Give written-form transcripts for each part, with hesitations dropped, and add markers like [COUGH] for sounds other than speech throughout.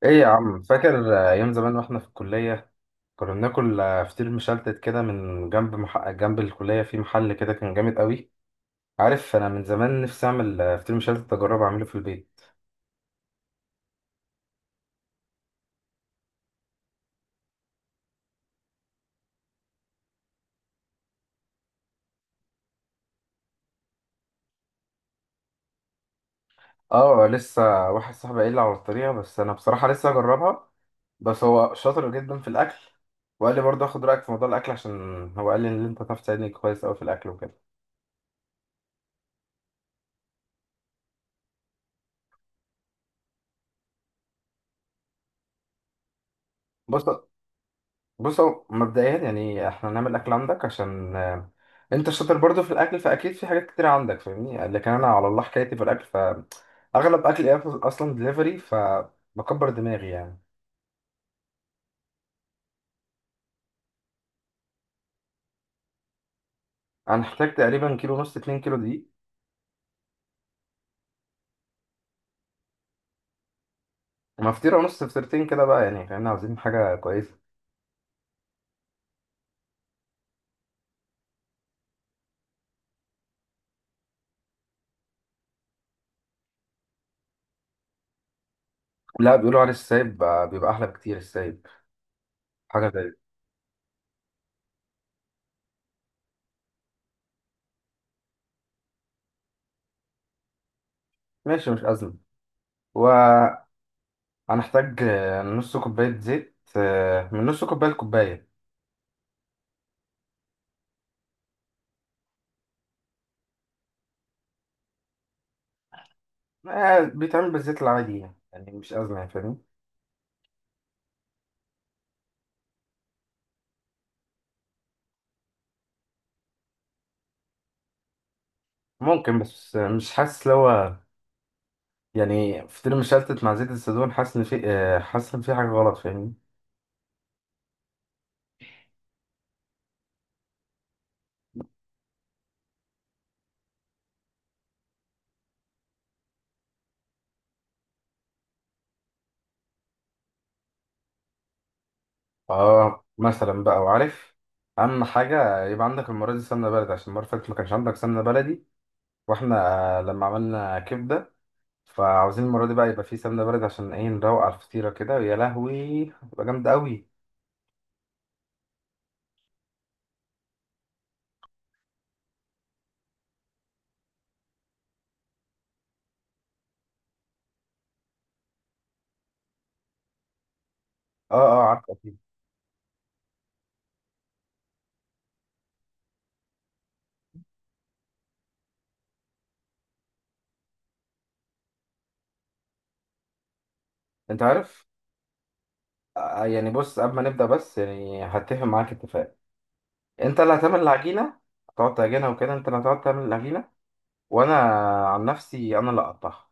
ايه يا عم فاكر ايام زمان واحنا في الكليه. كنا بناكل فطير مشلتت كده من جنب جنب الكليه في محل كده كان جامد قوي. عارف انا من زمان نفسي اعمل فطير مشلتت اجرب اعمله في البيت. اه، لسه واحد صاحبي قايل لي على الطريقه، بس انا بصراحه لسه اجربها. بس هو شاطر جدا في الاكل، وقال لي برضه اخد رايك في موضوع الاكل، عشان هو قال لي ان انت تعرف تساعدني كويس قوي في الاكل وكده. بص بص هو مبدئيا يعني احنا نعمل الاكل عندك عشان انت شاطر برضو في الاكل، فاكيد في حاجات كتير عندك فاهمني. لكن انا على الله حكايتي في الاكل، فاغلب اكلي اصلا دليفري فبكبر دماغي يعني. انا احتاج تقريبا كيلو ونص 2 كيلو دقيق، مفطيره ونص فطيرتين كده بقى يعني فاهمني، عاوزين حاجه كويسه. لا، بيقولوا على السايب بيبقى احلى بكتير السايب، حاجه زي. ماشي، مش ازمه. وهنحتاج نص كوبايه زيت، من نص كوبايه لكوبايه. بيتعمل بالزيت العادي، يعني مش أزمة يعني فاهم. ممكن، بس مش حاسس لو هو يعني فطير مشلتت مع زيت الزيتون حاسس إن في حاجة غلط فاهمني. اه، مثلا بقى وعارف. أهم حاجة يبقى عندك المرة دي سمنة بلدي، عشان المرة اللي فاتت ما كانش عندك سمنة بلدي وإحنا لما عملنا كبدة. فعاوزين المرة دي بقى يبقى في سمنة بلدي، عشان إيه نروق على الفطيرة كده. يا لهوي، هتبقى جامدة أوي. اه، اه، عارف أكيد. أنت عارف يعني بص، قبل ما نبدأ بس يعني هتفق معاك اتفاق. انت اللي هتعمل العجينه، هتقعد تعجنها وكده، انت اللي هتقعد تعمل العجينه. وانا عن نفسي انا اللي اقطعها.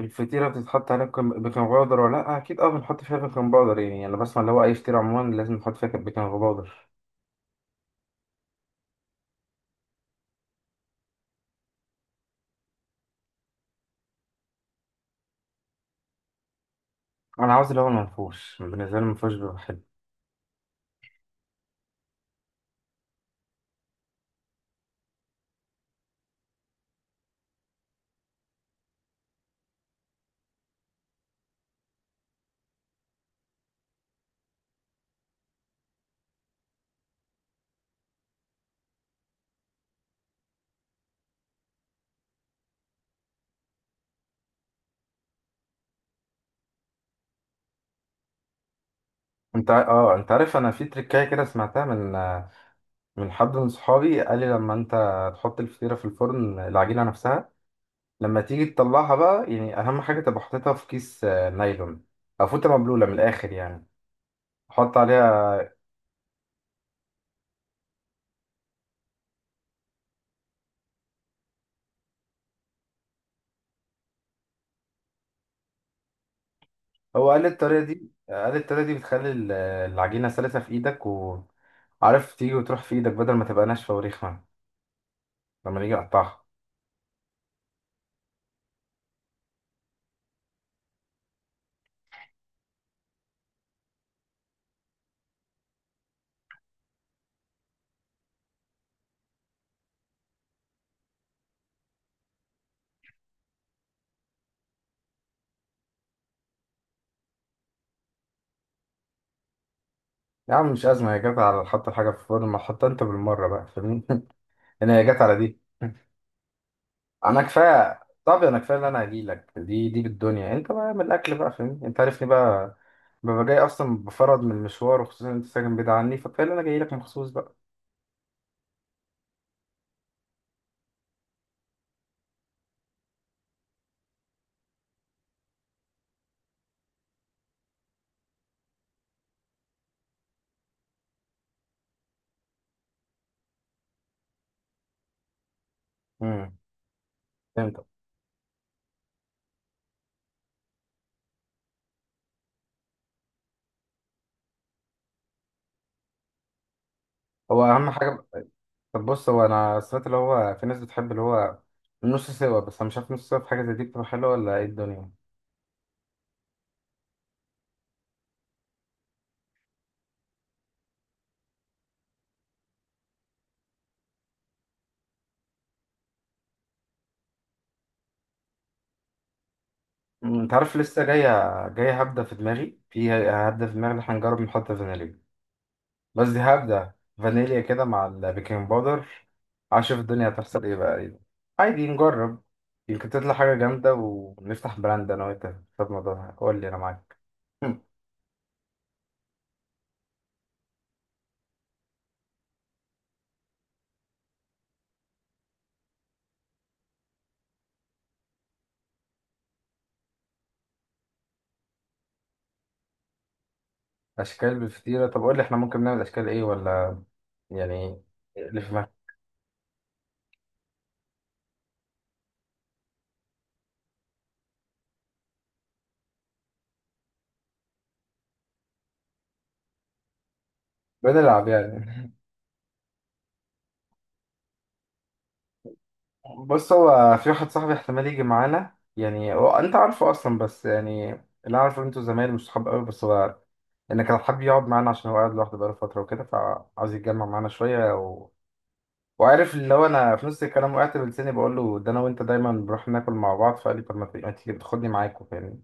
الفطيره بتتحط عليها بيكنج باودر ولا لا؟ اكيد اه، بنحط فيها بيكنج باودر يعني. انا بسمع اللي هو اي فطيره عموما لازم نحط فيها بيكنج باودر. انا عاوز اللي هو المنفوش، بالنسبه لي المنفوش بيبقى حلو. انت اه، انت عارف انا في تركايه كده سمعتها من من حد من صحابي قال لي لما انت تحط الفطيره في الفرن، العجينه نفسها لما تيجي تطلعها بقى، يعني اهم حاجه تبقى حاططها في كيس نايلون، او فوطه مبلوله من الاخر يعني. حط عليها. هو قال لي الطريقة دي، بتخلي العجينة سلسة في ايدك، وعارف تيجي وتروح في ايدك بدل ما تبقى ناشفة وريخمة لما نيجي نقطعها. يا عم، مش أزمة، هي جت على حط الحاجة في الفرن، ما تحطها أنت بالمرة بقى فاهمني. [LAUGHS] أنا هي جت على دي. أنا كفاية، طب أنا كفاية اللي أنا هجيلك، دي بالدنيا أنت بقى من الأكل بقى فاهمني، أنت عارفني بقى. ببقى جاي أصلا بفرض من المشوار، وخصوصا أنت ساكن بعيد عني، فكفاية اللي أنا جايلك مخصوص بقى. امم فهمت. هو أهم حاجة. طب بص، هو انا سمعت اللي هو في ناس بتحب اللي هو النص سوا، بس انا مش عارف نص سوا في حاجه زي دي بتبقى حلوه ولا ايه الدنيا. انت عارف لسه جايه، جايه هبده في دماغي، ان احنا نجرب نحط فانيليا، بس دي هبده فانيليا كده مع البيكنج باودر. عشان الدنيا هتحصل ايه بقى ايه. عادي نجرب، يمكن تطلع حاجه جامده ونفتح براند انا وانت في الموضوع. قول لي انا معاك. [LAUGHS] أمم، اشكال بالفطيره؟ طب قول لي احنا ممكن نعمل اشكال ايه ولا يعني. اللي في دماغك. بنلعب يعني. [LAUGHS] بص، هو في واحد صاحبي احتمال يجي معانا. يعني هو انت عارفه اصلا، بس يعني اللي اعرفه ان انتوا زمايل مش صحاب قوي، بس هو انك كان حابب يقعد معانا عشان هو قاعد لوحده بقاله فتره وكده، فعاوز يتجمع معانا شويه. و... وعارف اللي هو انا في نص الكلام وقعت بلساني بقول له ده انا وانت دايما بنروح ناكل مع بعض، فقال لي طب ما تيجي تاخدني معاكوا فاهمني.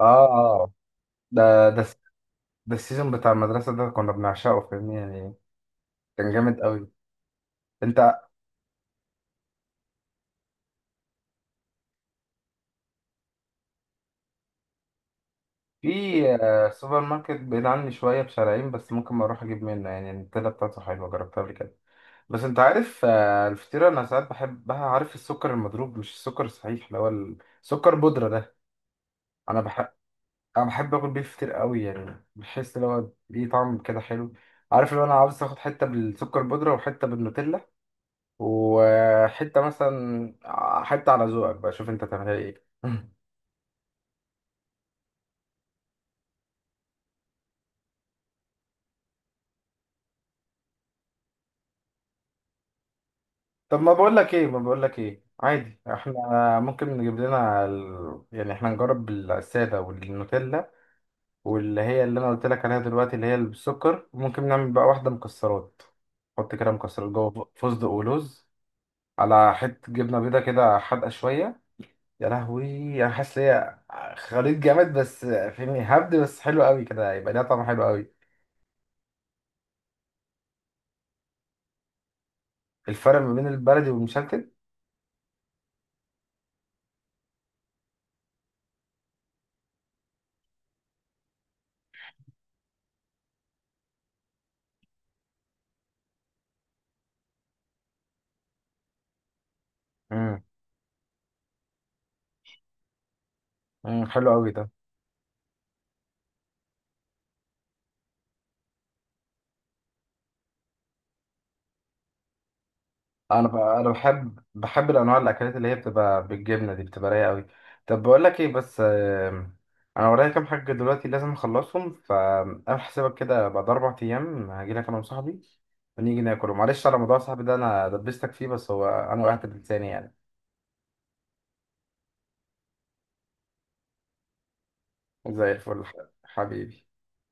اه، اه، ده ده الس- ده السيزون بتاع المدرسه، ده كنا بنعشقه فاهمني يعني. كان جامد قوي. انت في سوبر ماركت بعيد عني شوية بشارعين، بس ممكن ما أروح أجيب منه. يعني التلاته بتاعته حلوة جربتها قبل كده. بس أنت عارف الفطيرة أنا ساعات بحبها، عارف السكر المضروب، مش السكر الصحيح اللي هو السكر بودرة ده. أنا بحب أنا بحب آكل بيه فطير قوي، يعني بحس اللي هو ليه طعم كده حلو. عارف لو أنا عاوز آخد حتة بالسكر بودرة، وحتة بالنوتيلا، وحتة مثلا حتة على ذوقك بقى، شوف أنت تعملها إيه. [LAUGHS] طب ما بقول لك ايه، عادي احنا ممكن نجيب لنا ال... يعني احنا نجرب الساده والنوتيلا، واللي هي اللي انا قلت لك عليها دلوقتي اللي هي اللي بالسكر. ممكن نعمل بقى واحده مكسرات، نحط كده مكسرات جوه، فستق ولوز، على حته جبنه بيضه كده حادقه شويه. يا لهوي، انا حاسس إن هي خليط جامد، بس فهمني هبد بس حلو قوي كده، هيبقى ليها طعم حلو قوي. الفرق ما بين البلدي والمشلتت. امم حلو قوي ده. انا بحب الانواع الاكلات اللي هي بتبقى بالجبنه دي بتبقى رايقه قوي. طب بقول لك ايه، بس انا ورايا كام حاجه دلوقتي لازم اخلصهم، فانا حسابك كده بعد 4 ايام هاجي لك انا وصاحبي ونيجي ناكل. معلش على موضوع صاحبي ده، انا دبستك فيه، بس هو انا وقعت بلساني يعني. زي الفل حبيبي.